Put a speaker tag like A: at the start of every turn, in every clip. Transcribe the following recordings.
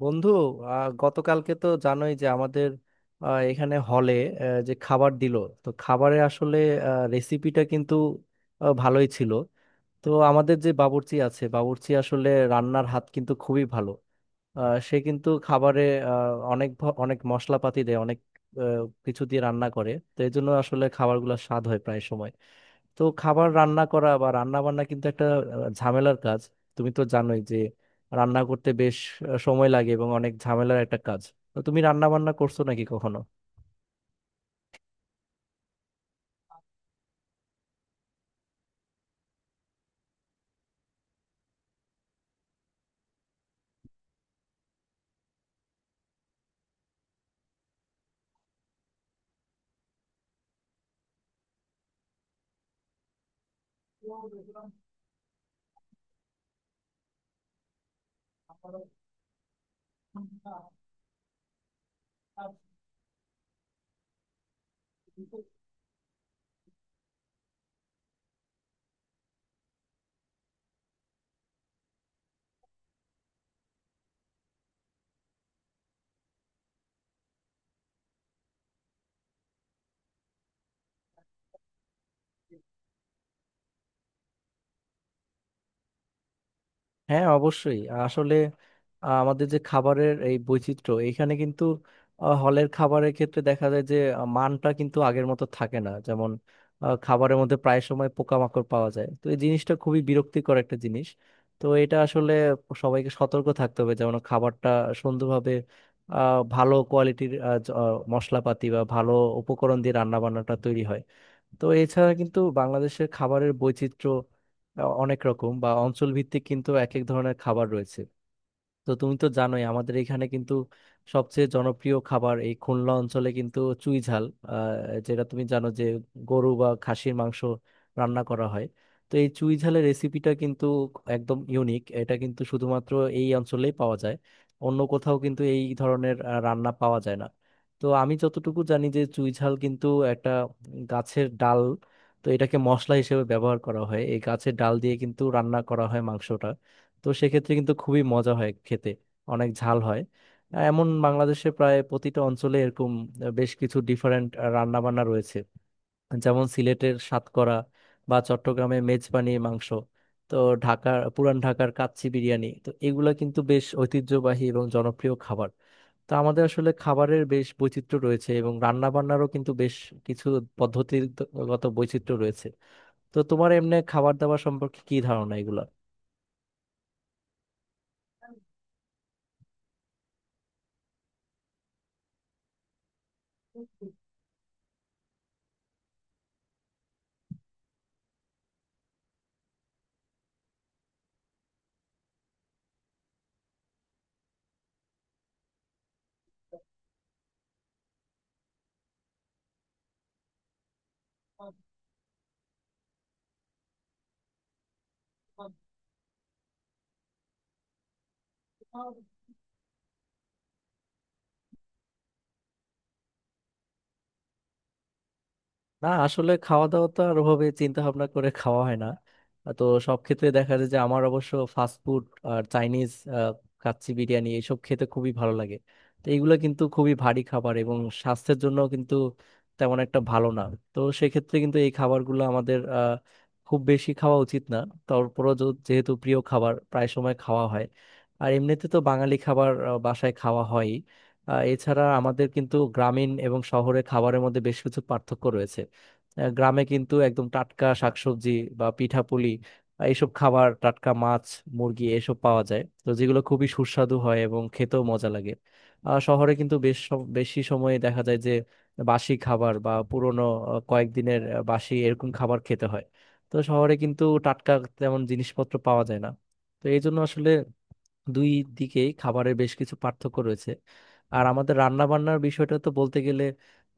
A: বন্ধু, গতকালকে তো জানোই যে আমাদের এখানে হলে যে খাবার দিলো, তো খাবারের আসলে রেসিপিটা কিন্তু ভালোই ছিল। তো আমাদের যে বাবুর্চি আছে, বাবুর্চি আসলে রান্নার হাত কিন্তু খুবই ভালো। সে কিন্তু খাবারে অনেক অনেক মশলাপাতি দেয়, অনেক আহ, কিছু দিয়ে রান্না করে, তো এই জন্য আসলে খাবারগুলো স্বাদ হয় প্রায় সময়। তো খাবার রান্না করা বা রান্না বান্না কিন্তু একটা ঝামেলার কাজ। তুমি তো জানোই যে রান্না করতে বেশ সময় লাগে এবং অনেক ঝামেলার একটা কাজ। তো তুমি রান্না বান্না করছো নাকি কখনো? হ্যাঁ, অবশ্যই। আসলে আমাদের যে খাবারের এই বৈচিত্র্য এখানে কিন্তু হলের খাবারের ক্ষেত্রে দেখা যায় যে মানটা কিন্তু আগের মতো থাকে না। যেমন খাবারের মধ্যে প্রায় সময় পোকামাকড় পাওয়া যায়, তো এই জিনিসটা খুবই বিরক্তিকর একটা জিনিস। তো এটা আসলে সবাইকে সতর্ক থাকতে হবে, যেমন খাবারটা সুন্দরভাবে, ভালো কোয়ালিটির মশলাপাতি বা ভালো উপকরণ দিয়ে রান্না বান্নাটা তৈরি হয়। তো এছাড়া কিন্তু বাংলাদেশের খাবারের বৈচিত্র্য অনেক রকম বা অঞ্চল ভিত্তিক কিন্তু এক এক ধরনের খাবার রয়েছে। তো তুমি তো জানোই আমাদের এখানে কিন্তু সবচেয়ে জনপ্রিয় খাবার এই খুলনা অঞ্চলে কিন্তু চুই ঝাল, যেটা তুমি জানো যে গরু বা খাসির মাংস রান্না করা হয়। তো এই চুই ঝালের রেসিপিটা কিন্তু একদম ইউনিক, এটা কিন্তু শুধুমাত্র এই অঞ্চলেই পাওয়া যায়, অন্য কোথাও কিন্তু এই ধরনের রান্না পাওয়া যায় না। তো আমি যতটুকু জানি যে চুই ঝাল কিন্তু একটা গাছের ডাল, তো এটাকে মশলা হিসেবে ব্যবহার করা হয়, এই গাছের ডাল দিয়ে কিন্তু রান্না করা হয় মাংসটা। তো সেক্ষেত্রে কিন্তু খুবই মজা হয় খেতে, অনেক ঝাল হয়। এমন বাংলাদেশে প্রায় প্রতিটা অঞ্চলে এরকম বেশ কিছু ডিফারেন্ট রান্না বান্না রয়েছে, যেমন সিলেটের সাতকরা বা চট্টগ্রামে মেজবানি মাংস, তো ঢাকার পুরান ঢাকার কাচ্চি বিরিয়ানি, তো এগুলা কিন্তু বেশ ঐতিহ্যবাহী এবং জনপ্রিয় খাবার। তো আমাদের আসলে খাবারের বেশ বৈচিত্র্য রয়েছে এবং রান্না বান্নারও কিন্তু বেশ কিছু পদ্ধতিগত বৈচিত্র্য রয়েছে। তো তোমার এমনি খাবার দাবার সম্পর্কে কি ধারণা এগুলা? না, আসলে খাওয়া দাওয়া তো আর ওভাবে চিন্তা ভাবনা করে খাওয়া হয় না। তো সব ক্ষেত্রে দেখা যায় যে আমার অবশ্য ফাস্ট ফুড আর চাইনিজ কাচ্চি বিরিয়ানি এসব খেতে খুবই ভালো লাগে। তো এগুলো কিন্তু খুবই ভারী খাবার এবং স্বাস্থ্যের জন্য কিন্তু তেমন একটা ভালো না। তো সেক্ষেত্রে কিন্তু এই খাবারগুলো আমাদের খুব বেশি খাওয়া উচিত না। তারপরও যেহেতু প্রিয় খাবার প্রায় সময় খাওয়া হয়। আর এমনিতে তো বাঙালি খাবার বাসায় খাওয়া হয়। এছাড়া আমাদের কিন্তু গ্রামীণ এবং শহরে খাবারের মধ্যে বেশ কিছু পার্থক্য রয়েছে। গ্রামে কিন্তু একদম টাটকা শাকসবজি বা পিঠাপুলি, এইসব খাবার, টাটকা মাছ মুরগি এসব পাওয়া যায়, তো যেগুলো খুবই সুস্বাদু হয় এবং খেতেও মজা লাগে। শহরে কিন্তু বেশ বেশি সময়ে দেখা যায় যে বাসি খাবার বা পুরনো কয়েকদিনের বাসি এরকম খাবার খেতে হয়। তো শহরে কিন্তু টাটকা তেমন জিনিসপত্র পাওয়া যায় না। তো এই জন্য আসলে দুই দিকেই খাবারের বেশ কিছু পার্থক্য রয়েছে। আর আমাদের রান্না বান্নার বিষয়টা তো বলতে গেলে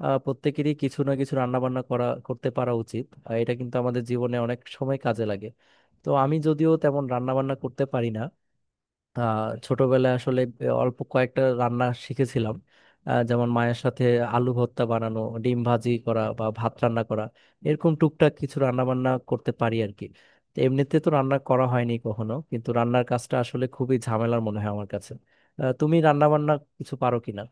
A: প্রত্যেকেরই কিছু না কিছু রান্না বান্না করা করতে পারা উচিত, আর এটা কিন্তু আমাদের জীবনে অনেক সময় কাজে লাগে। তো আমি যদিও তেমন রান্না বান্না করতে পারি না, ছোটবেলায় আসলে অল্প কয়েকটা রান্না শিখেছিলাম, যেমন মায়ের সাথে আলু ভর্তা বানানো, ডিম ভাজি করা বা ভাত রান্না করা, এরকম টুকটাক কিছু রান্না বান্না করতে পারি আর কি। তো এমনিতে তো রান্না করা হয়নি কখনো, কিন্তু রান্নার কাজটা আসলে খুবই ঝামেলার মনে হয় আমার কাছে। তুমি রান্না বান্না কিছু পারো কিনা?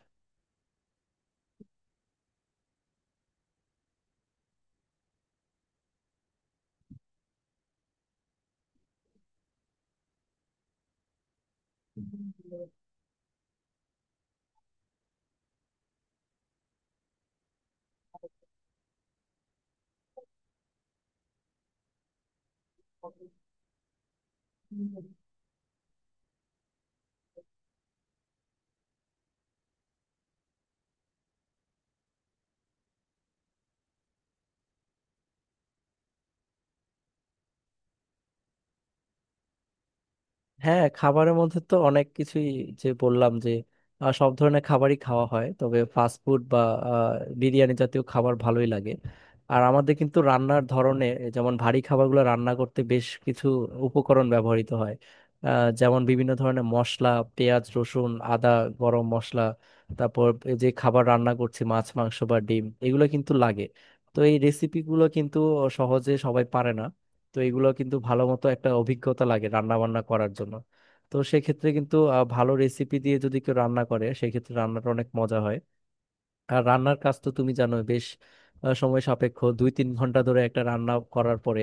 A: হ্যাঁ, খাবারের মধ্যে তো অনেক কিছুই, যে বললাম যে সব ধরনের খাবারই খাওয়া হয়, তবে ফাস্ট ফুড বা আহ, বিরিয়ানি জাতীয় খাবার ভালোই লাগে। আর আমাদের কিন্তু রান্নার ধরনে, যেমন ভারী খাবারগুলো রান্না করতে বেশ কিছু উপকরণ ব্যবহৃত হয়, যেমন বিভিন্ন ধরনের মশলা, পেঁয়াজ, রসুন, আদা, গরম মশলা, তারপর এই যে খাবার রান্না করছি মাছ মাংস বা ডিম এগুলো কিন্তু লাগে। তো এই রেসিপিগুলো কিন্তু সহজে সবাই পারে না। তো এগুলো কিন্তু ভালো মতো একটা অভিজ্ঞতা লাগে রান্না বান্না করার জন্য। তো সেক্ষেত্রে কিন্তু ভালো রেসিপি দিয়ে যদি কেউ রান্না করে সেক্ষেত্রে রান্নাটা অনেক মজা হয়। আর রান্নার কাজ তো তুমি জানো বেশ সময় সাপেক্ষ, 2-3 ঘন্টা ধরে একটা রান্না করার পরে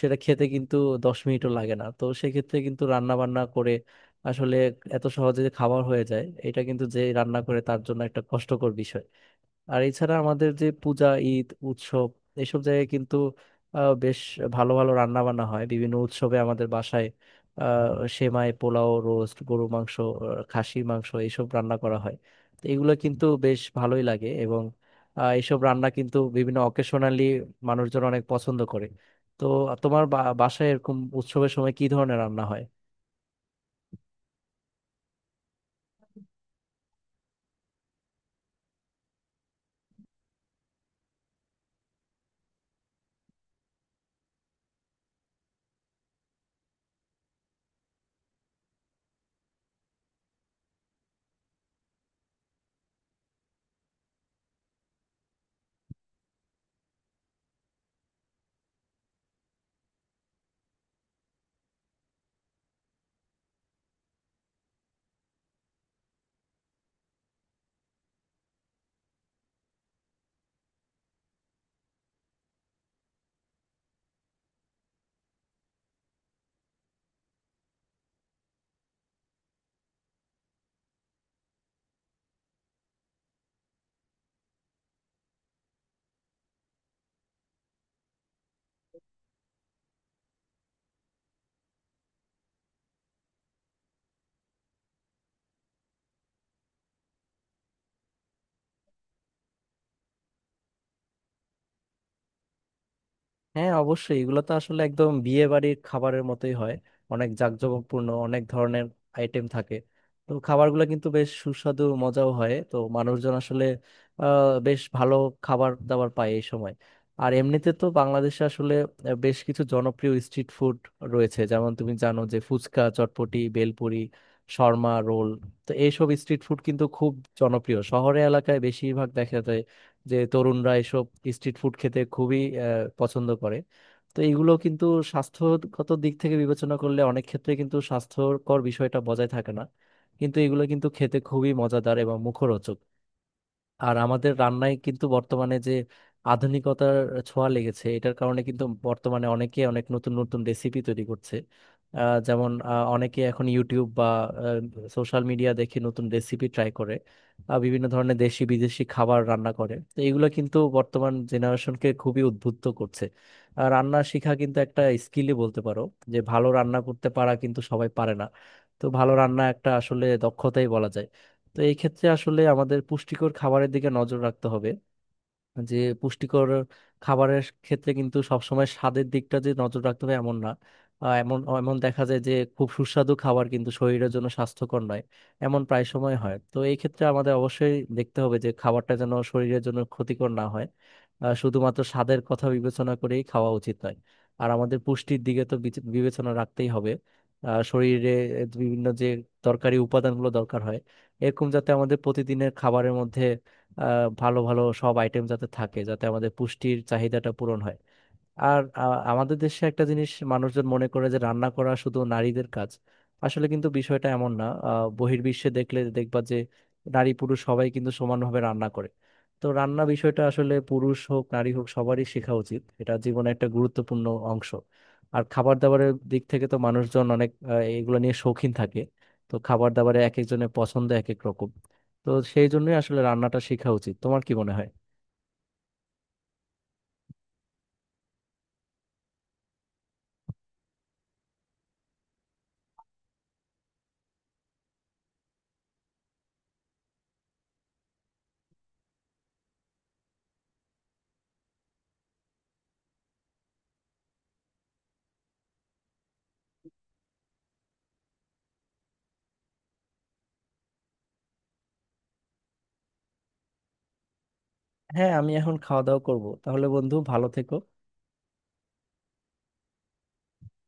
A: সেটা খেতে কিন্তু 10 মিনিটও লাগে না। তো সেক্ষেত্রে কিন্তু রান্না বান্না করে আসলে এত সহজে যে খাবার হয়ে যায় এটা কিন্তু যে রান্না করে তার জন্য একটা কষ্টকর বিষয়। আর এছাড়া আমাদের যে পূজা, ঈদ, উৎসব এসব জায়গায় কিন্তু বেশ ভালো ভালো রান্না বান্না হয় বিভিন্ন উৎসবে আমাদের বাসায়। আহ, সেমাই, পোলাও, রোস্ট, গরু মাংস, খাসির মাংস এইসব রান্না করা হয়। তো এগুলো কিন্তু বেশ ভালোই লাগে এবং এইসব রান্না কিন্তু বিভিন্ন অকেশনালি মানুষজন অনেক পছন্দ করে। তো তোমার বাসায় এরকম উৎসবের সময় কি ধরনের রান্না হয়? হ্যাঁ, অবশ্যই এগুলো তো আসলে একদম বিয়ে বাড়ির খাবারের মতোই হয়, অনেক জাঁকজমকপূর্ণ, অনেক ধরনের আইটেম থাকে। তো খাবারগুলো কিন্তু বেশ সুস্বাদু, মজাও হয়, তো মানুষজন আসলে বেশ ভালো খাবার দাবার পায় এই সময়। আর এমনিতে তো বাংলাদেশে আসলে বেশ কিছু জনপ্রিয় স্ট্রিট ফুড রয়েছে, যেমন তুমি জানো যে ফুচকা, চটপটি, বেলপুরি, শর্মা, রোল। তো এইসব স্ট্রিট ফুড কিন্তু খুব জনপ্রিয়, শহরে এলাকায় বেশিরভাগ দেখা যায় যে তরুণরা এসব স্ট্রিট ফুড খেতে খুবই পছন্দ করে। তো এগুলো কিন্তু স্বাস্থ্যগত দিক থেকে বিবেচনা করলে অনেক ক্ষেত্রে কিন্তু স্বাস্থ্যকর বিষয়টা বজায় থাকে না, কিন্তু এগুলো কিন্তু খেতে খুবই মজাদার এবং মুখরোচক। আর আমাদের রান্নায় কিন্তু বর্তমানে যে আধুনিকতার ছোঁয়া লেগেছে, এটার কারণে কিন্তু বর্তমানে অনেকে অনেক নতুন নতুন রেসিপি তৈরি করছে। যেমন অনেকে এখন ইউটিউব বা সোশ্যাল মিডিয়া দেখে নতুন রেসিপি ট্রাই করে, বিভিন্ন ধরনের দেশি বিদেশি খাবার রান্না করে, তো এগুলো কিন্তু বর্তমান জেনারেশনকে খুবই উদ্বুদ্ধ করছে। আর রান্না শেখা কিন্তু একটা স্কিলই বলতে পারো, যে ভালো রান্না করতে পারা কিন্তু সবাই পারে না। তো ভালো রান্না একটা আসলে দক্ষতাই বলা যায়। তো এই ক্ষেত্রে আসলে আমাদের পুষ্টিকর খাবারের দিকে নজর রাখতে হবে, যে পুষ্টিকর খাবারের ক্ষেত্রে কিন্তু সবসময় স্বাদের দিকটা যে নজর রাখতে হবে এমন না। এমন এমন দেখা যায় যে খুব সুস্বাদু খাবার কিন্তু শরীরের জন্য স্বাস্থ্যকর নয়, এমন প্রায় সময় হয়, তো এই ক্ষেত্রে আমাদের অবশ্যই দেখতে হবে যে খাবারটা যেন শরীরের জন্য ক্ষতিকর না হয়। শুধুমাত্র স্বাদের কথা বিবেচনা করেই খাওয়া উচিত নয়। আর আমাদের পুষ্টির দিকে তো বিবেচনা রাখতেই হবে। শরীরে বিভিন্ন যে দরকারি উপাদানগুলো দরকার হয়, এরকম যাতে আমাদের প্রতিদিনের খাবারের মধ্যে ভালো ভালো সব আইটেম যাতে থাকে, যাতে আমাদের পুষ্টির চাহিদাটা পূরণ হয়। আর আমাদের দেশে একটা জিনিস মানুষজন মনে করে যে রান্না করা শুধু নারীদের কাজ। আসলে কিন্তু বিষয়টা এমন না, বহির্বিশ্বে দেখলে দেখবা যে নারী পুরুষ সবাই কিন্তু সমানভাবে রান্না করে। তো রান্না বিষয়টা আসলে পুরুষ হোক নারী হোক সবারই শেখা উচিত, এটা জীবনে একটা গুরুত্বপূর্ণ অংশ। আর খাবার দাবারের দিক থেকে তো মানুষজন অনেক এগুলো নিয়ে শৌখিন থাকে। তো খাবার দাবারে এক একজনের পছন্দ এক এক রকম। তো সেই জন্যই আসলে রান্নাটা শেখা উচিত, তোমার কি মনে হয়? হ্যাঁ, আমি এখন খাওয়া দাওয়া করব তাহলে। বন্ধু, ভালো থেকো।